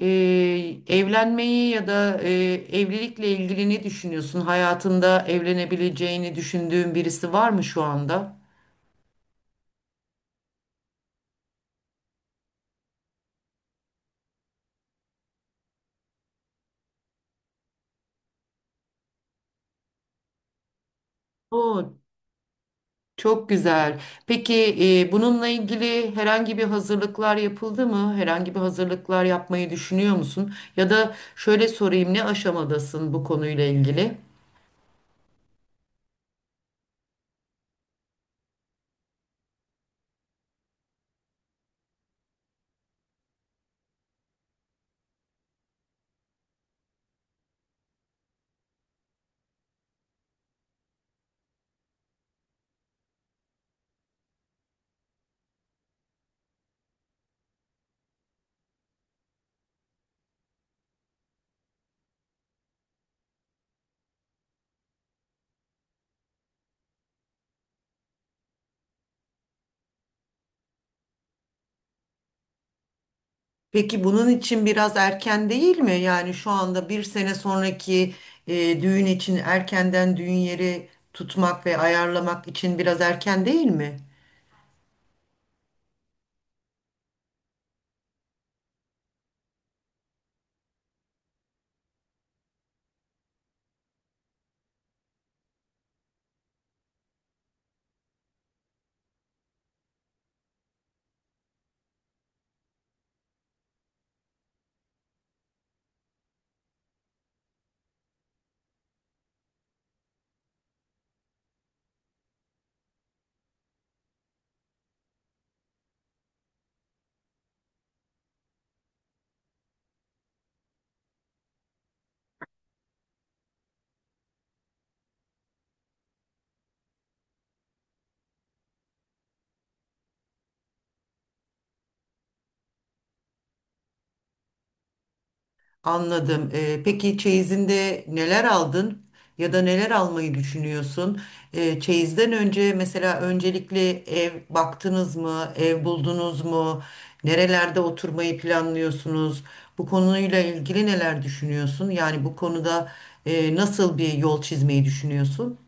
e, Evlenmeyi ya da evlilikle ilgili ne düşünüyorsun? Hayatında evlenebileceğini düşündüğün birisi var mı şu anda? Oo, çok güzel. Peki bununla ilgili herhangi bir hazırlıklar yapıldı mı? Herhangi bir hazırlıklar yapmayı düşünüyor musun? Ya da şöyle sorayım, ne aşamadasın bu konuyla ilgili? Peki bunun için biraz erken değil mi? Yani şu anda bir sene sonraki düğün için erkenden düğün yeri tutmak ve ayarlamak için biraz erken değil mi? Anladım. Peki çeyizinde neler aldın ya da neler almayı düşünüyorsun? Çeyizden önce mesela öncelikle ev baktınız mı? Ev buldunuz mu? Nerelerde oturmayı planlıyorsunuz? Bu konuyla ilgili neler düşünüyorsun? Yani bu konuda nasıl bir yol çizmeyi düşünüyorsun?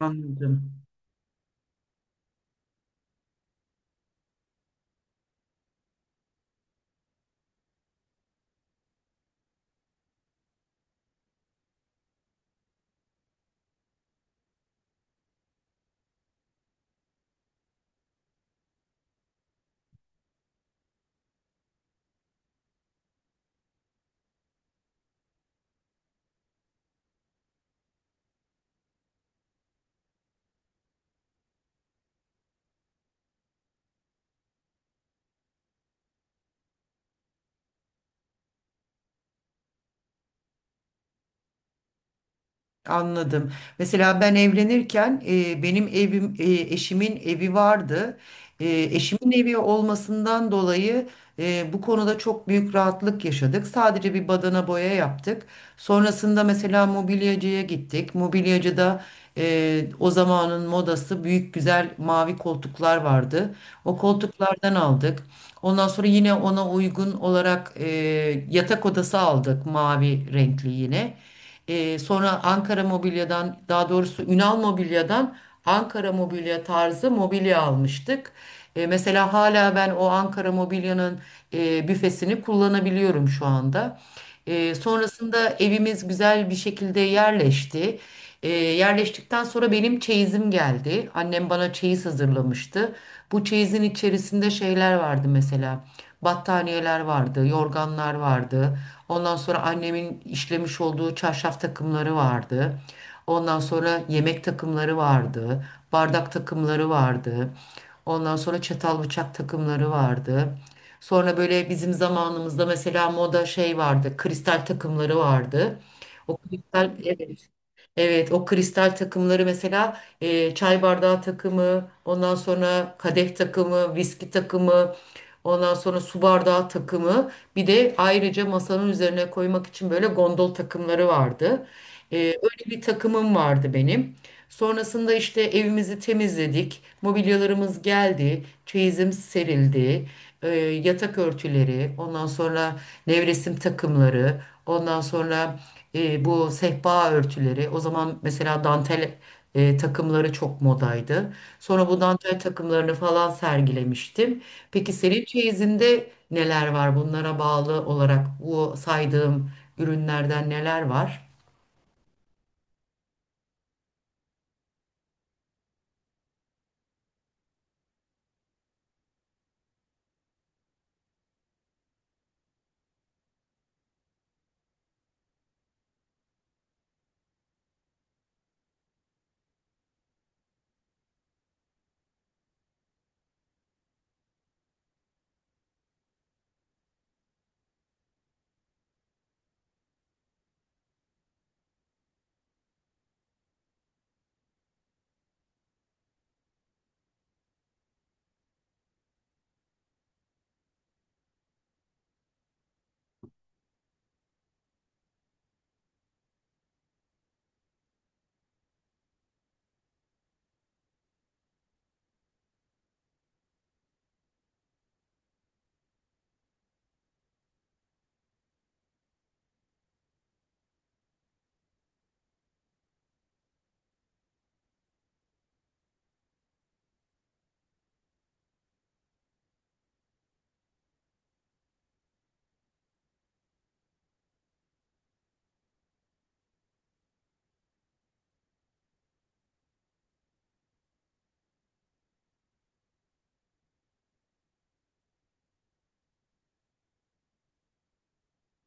Anladım. Anladım. Mesela ben evlenirken benim evim, eşimin evi vardı. Eşimin evi olmasından dolayı bu konuda çok büyük rahatlık yaşadık. Sadece bir badana boya yaptık. Sonrasında mesela mobilyacıya gittik. Mobilyacıda o zamanın modası büyük güzel mavi koltuklar vardı. O koltuklardan aldık. Ondan sonra yine ona uygun olarak yatak odası aldık mavi renkli yine. Sonra Ankara Mobilya'dan daha doğrusu Ünal Mobilya'dan Ankara Mobilya tarzı mobilya almıştık. Mesela hala ben o Ankara Mobilya'nın büfesini kullanabiliyorum şu anda. Sonrasında evimiz güzel bir şekilde yerleşti. Yerleştikten sonra benim çeyizim geldi. Annem bana çeyiz hazırlamıştı. Bu çeyizin içerisinde şeyler vardı mesela. Battaniyeler vardı, yorganlar vardı. Ondan sonra annemin işlemiş olduğu çarşaf takımları vardı. Ondan sonra yemek takımları vardı. Bardak takımları vardı. Ondan sonra çatal bıçak takımları vardı. Sonra böyle bizim zamanımızda mesela moda şey vardı. Kristal takımları vardı. O kristal evet. Evet, o kristal takımları mesela çay bardağı takımı, ondan sonra kadeh takımı, viski takımı, ondan sonra su bardağı takımı. Bir de ayrıca masanın üzerine koymak için böyle gondol takımları vardı. Öyle bir takımım vardı benim. Sonrasında işte evimizi temizledik, mobilyalarımız geldi, çeyizim serildi yatak örtüleri, ondan sonra nevresim takımları, ondan sonra bu sehpa örtüleri. O zaman mesela dantel takımları çok modaydı. Sonra bu dantel takımlarını falan sergilemiştim. Peki senin çeyizinde neler var? Bunlara bağlı olarak bu saydığım ürünlerden neler var?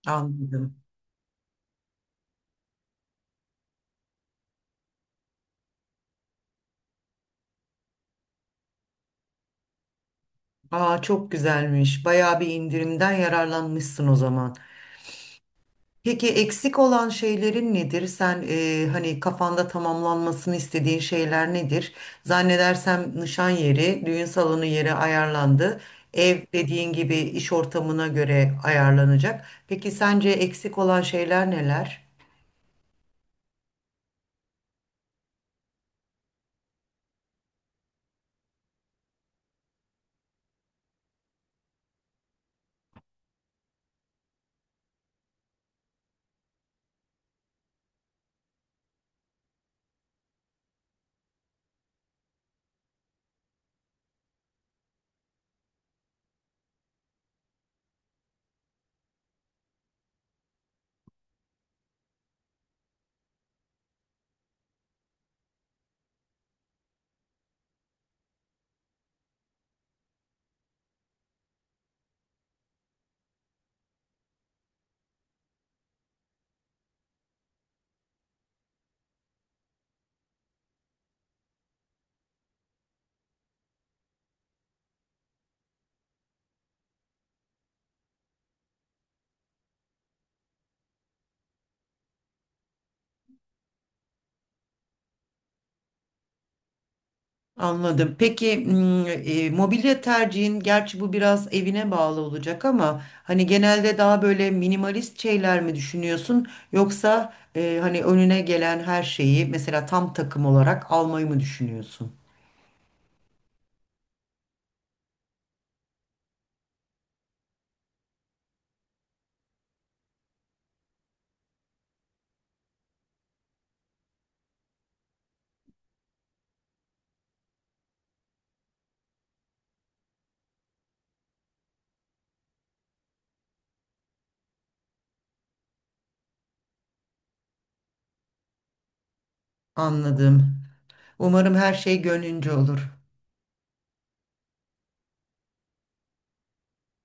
Anladım. Aa çok güzelmiş. Bayağı bir indirimden yararlanmışsın o zaman. Peki eksik olan şeylerin nedir? Sen hani kafanda tamamlanmasını istediğin şeyler nedir? Zannedersem nişan yeri, düğün salonu yeri ayarlandı. Ev dediğin gibi iş ortamına göre ayarlanacak. Peki sence eksik olan şeyler neler? Anladım. Peki mobilya tercihin gerçi bu biraz evine bağlı olacak ama hani genelde daha böyle minimalist şeyler mi düşünüyorsun yoksa hani önüne gelen her şeyi mesela tam takım olarak almayı mı düşünüyorsun? Anladım. Umarım her şey gönlünce olur.